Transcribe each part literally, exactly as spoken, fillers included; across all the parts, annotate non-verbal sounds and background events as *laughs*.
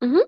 Mhm.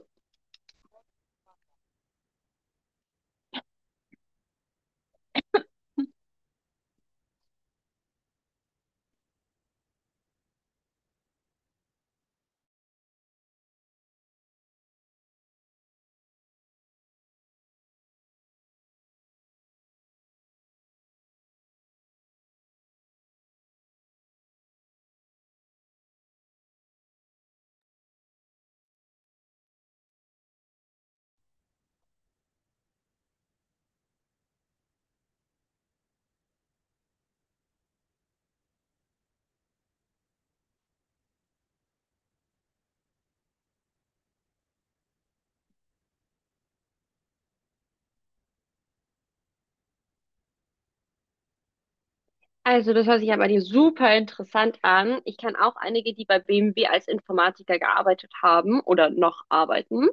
Also, das hört sich aber dir super interessant an. Ich kann auch einige, die bei B M W als Informatiker gearbeitet haben oder noch arbeiten.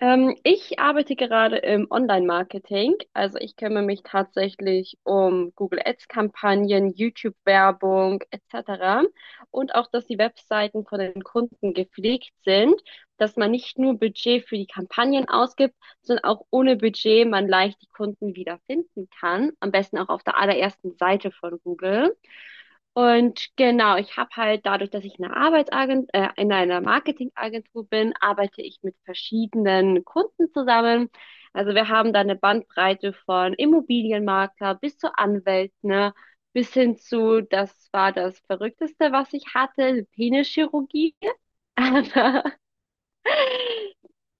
Ähm, ich arbeite gerade im Online-Marketing. Also ich kümmere mich tatsächlich um Google Ads-Kampagnen, YouTube-Werbung et cetera. Und auch, dass die Webseiten von den Kunden gepflegt sind, dass man nicht nur Budget für die Kampagnen ausgibt, sondern auch ohne Budget man leicht die Kunden wiederfinden kann. Am besten auch auf der allerersten Seite von Google. Und genau, ich habe halt dadurch, dass ich in einer Arbeitsagent, äh, in einer Marketingagentur bin, arbeite ich mit verschiedenen Kunden zusammen. Also wir haben da eine Bandbreite von Immobilienmakler bis zu Anwälten, ne, bis hin zu, das war das Verrückteste, was ich hatte, Penischirurgie. *laughs* Aber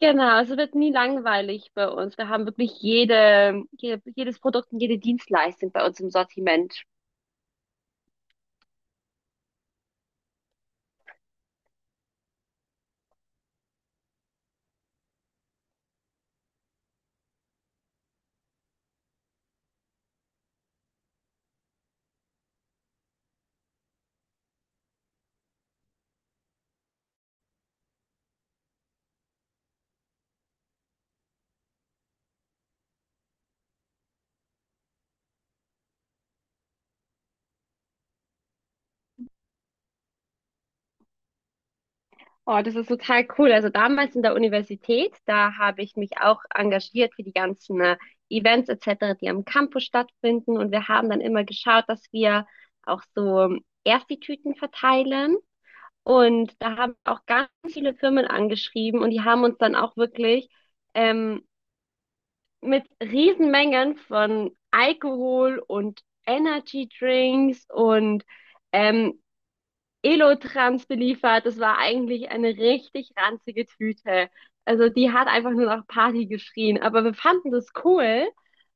genau, es wird nie langweilig bei uns. Wir haben wirklich jede, jede, jedes Produkt und jede Dienstleistung bei uns im Sortiment. Oh, das ist total cool. Also damals in der Universität, da habe ich mich auch engagiert für die ganzen äh, Events et cetera, die am Campus stattfinden. Und wir haben dann immer geschaut, dass wir auch so ähm, Ersti-Tüten verteilen. Und da haben auch ganz viele Firmen angeschrieben und die haben uns dann auch wirklich ähm, mit Riesenmengen von Alkohol und Energy Drinks und ähm, Elotrans beliefert. Das war eigentlich eine richtig ranzige Tüte. Also die hat einfach nur nach Party geschrien. Aber wir fanden das cool,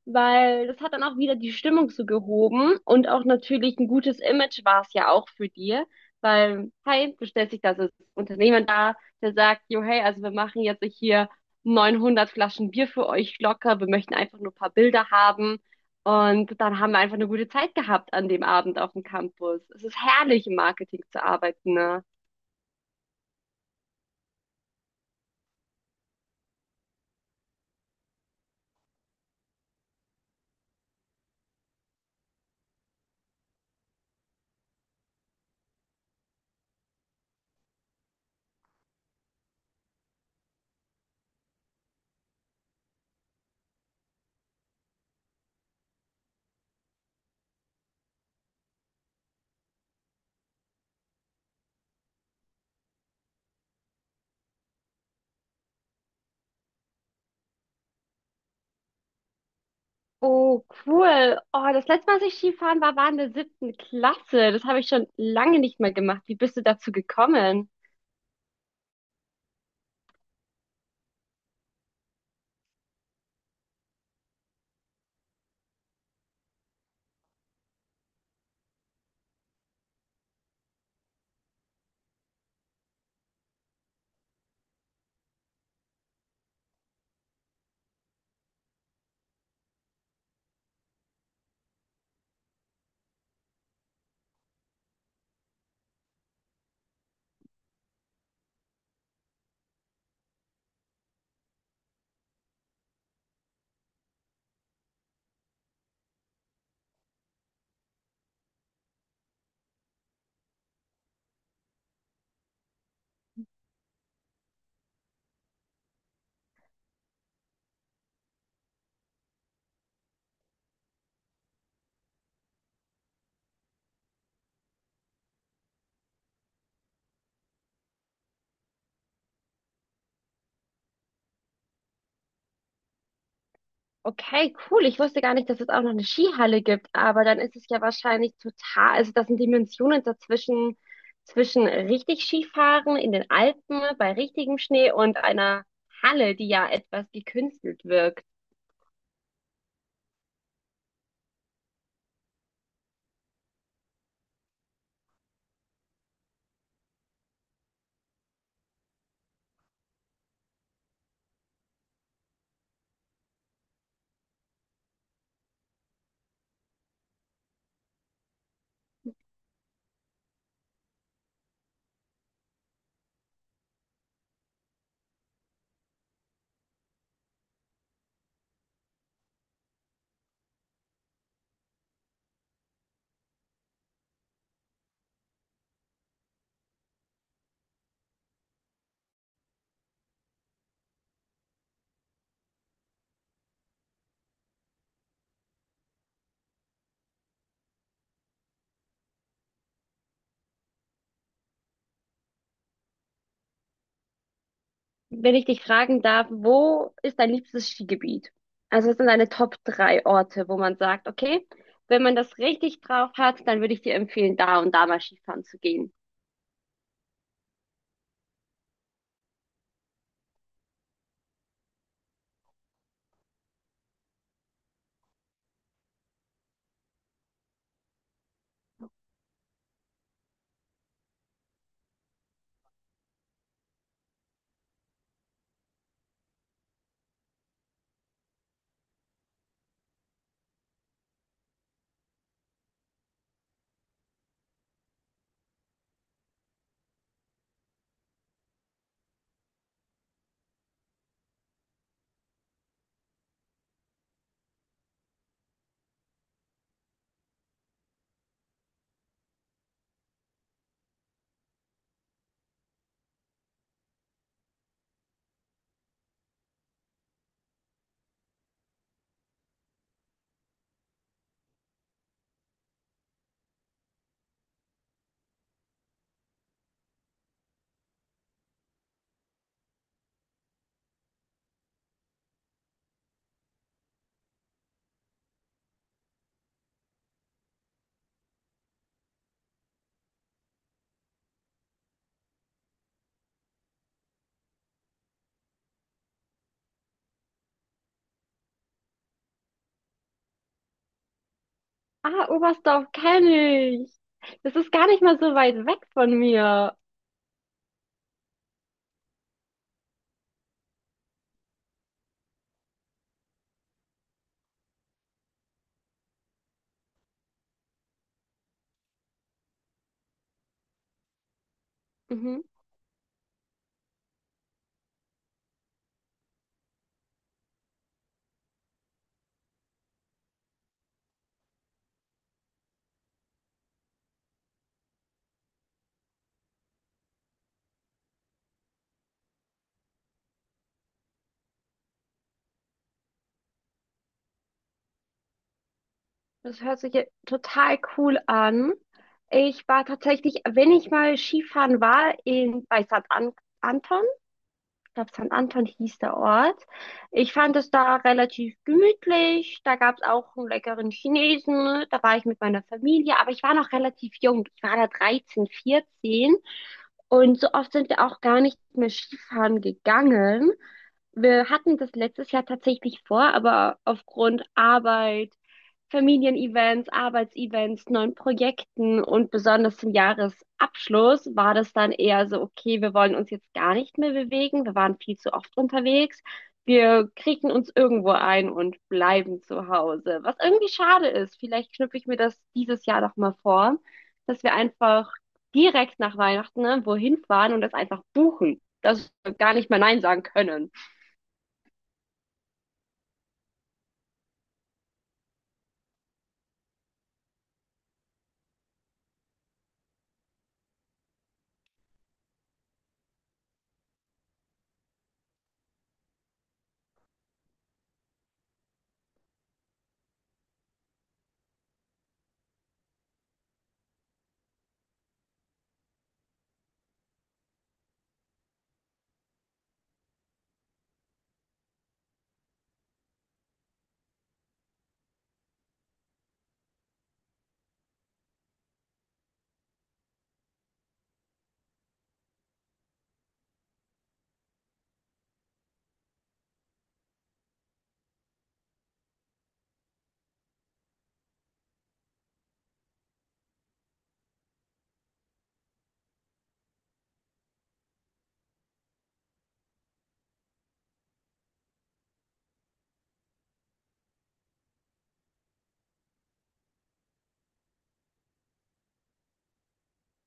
weil das hat dann auch wieder die Stimmung so gehoben und auch natürlich ein gutes Image war es ja auch für dir. Weil, hey, du stellst dich da als Unternehmer da, der sagt, jo, hey, also wir machen jetzt hier neunhundert Flaschen Bier für euch locker, wir möchten einfach nur ein paar Bilder haben. Und dann haben wir einfach eine gute Zeit gehabt an dem Abend auf dem Campus. Es ist herrlich, im Marketing zu arbeiten, ne? Oh, cool. Oh, das letzte Mal, als ich Skifahren war, war in der siebten Klasse. Das habe ich schon lange nicht mehr gemacht. Wie bist du dazu gekommen? Okay, cool. Ich wusste gar nicht, dass es auch noch eine Skihalle gibt, aber dann ist es ja wahrscheinlich total, also das sind Dimensionen dazwischen, zwischen richtig Skifahren in den Alpen bei richtigem Schnee und einer Halle, die ja etwas gekünstelt wirkt. Wenn ich dich fragen darf, wo ist dein liebstes Skigebiet? Also, was sind deine Top drei Orte, wo man sagt, okay, wenn man das richtig drauf hat, dann würde ich dir empfehlen, da und da mal Skifahren zu gehen. Ah, Oberstdorf kenne ich. Das ist gar nicht mal so weit weg von mir. Mhm. Das hört sich ja total cool an. Ich war tatsächlich, wenn ich mal Skifahren war, in, bei Sankt An Anton. Ich glaube, Sankt Anton hieß der Ort. Ich fand es da relativ gemütlich. Da gab es auch einen leckeren Chinesen. Da war ich mit meiner Familie, aber ich war noch relativ jung. Ich war da dreizehn, vierzehn. Und so oft sind wir auch gar nicht mehr Skifahren gegangen. Wir hatten das letztes Jahr tatsächlich vor, aber aufgrund Arbeit, Familienevents, Arbeitsevents, neuen Projekten und besonders zum Jahresabschluss war das dann eher so, okay, wir wollen uns jetzt gar nicht mehr bewegen, wir waren viel zu oft unterwegs, wir kriegen uns irgendwo ein und bleiben zu Hause, was irgendwie schade ist. Vielleicht knüpfe ich mir das dieses Jahr doch mal vor, dass wir einfach direkt nach Weihnachten, ne, wohin fahren und das einfach buchen. Dass wir gar nicht mehr Nein sagen können.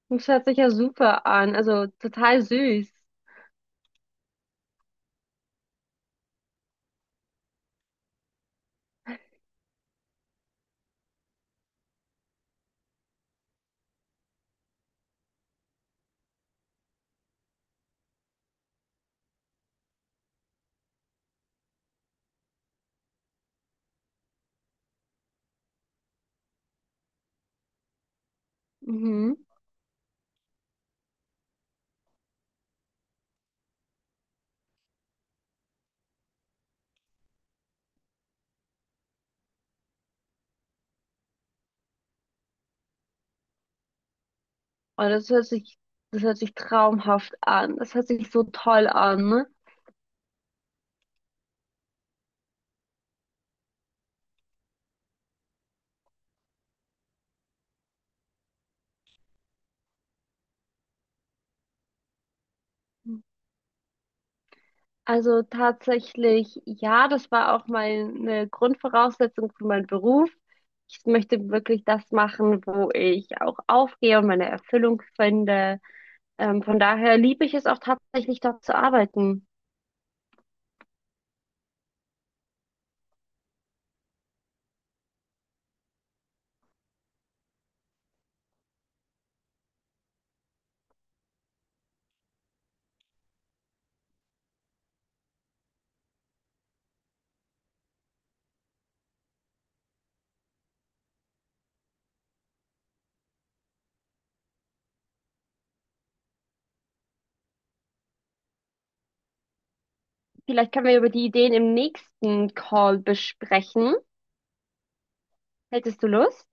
Das hört sich ja super an, also total süß. Mhm. Oh, das hört sich, das hört sich traumhaft an. Das hört sich so toll an. Ne? Also tatsächlich, ja, das war auch meine Grundvoraussetzung für meinen Beruf. Ich möchte wirklich das machen, wo ich auch aufgehe und meine Erfüllung finde. Ähm, von daher liebe ich es auch tatsächlich, dort zu arbeiten. Vielleicht können wir über die Ideen im nächsten Call besprechen. Hättest du Lust?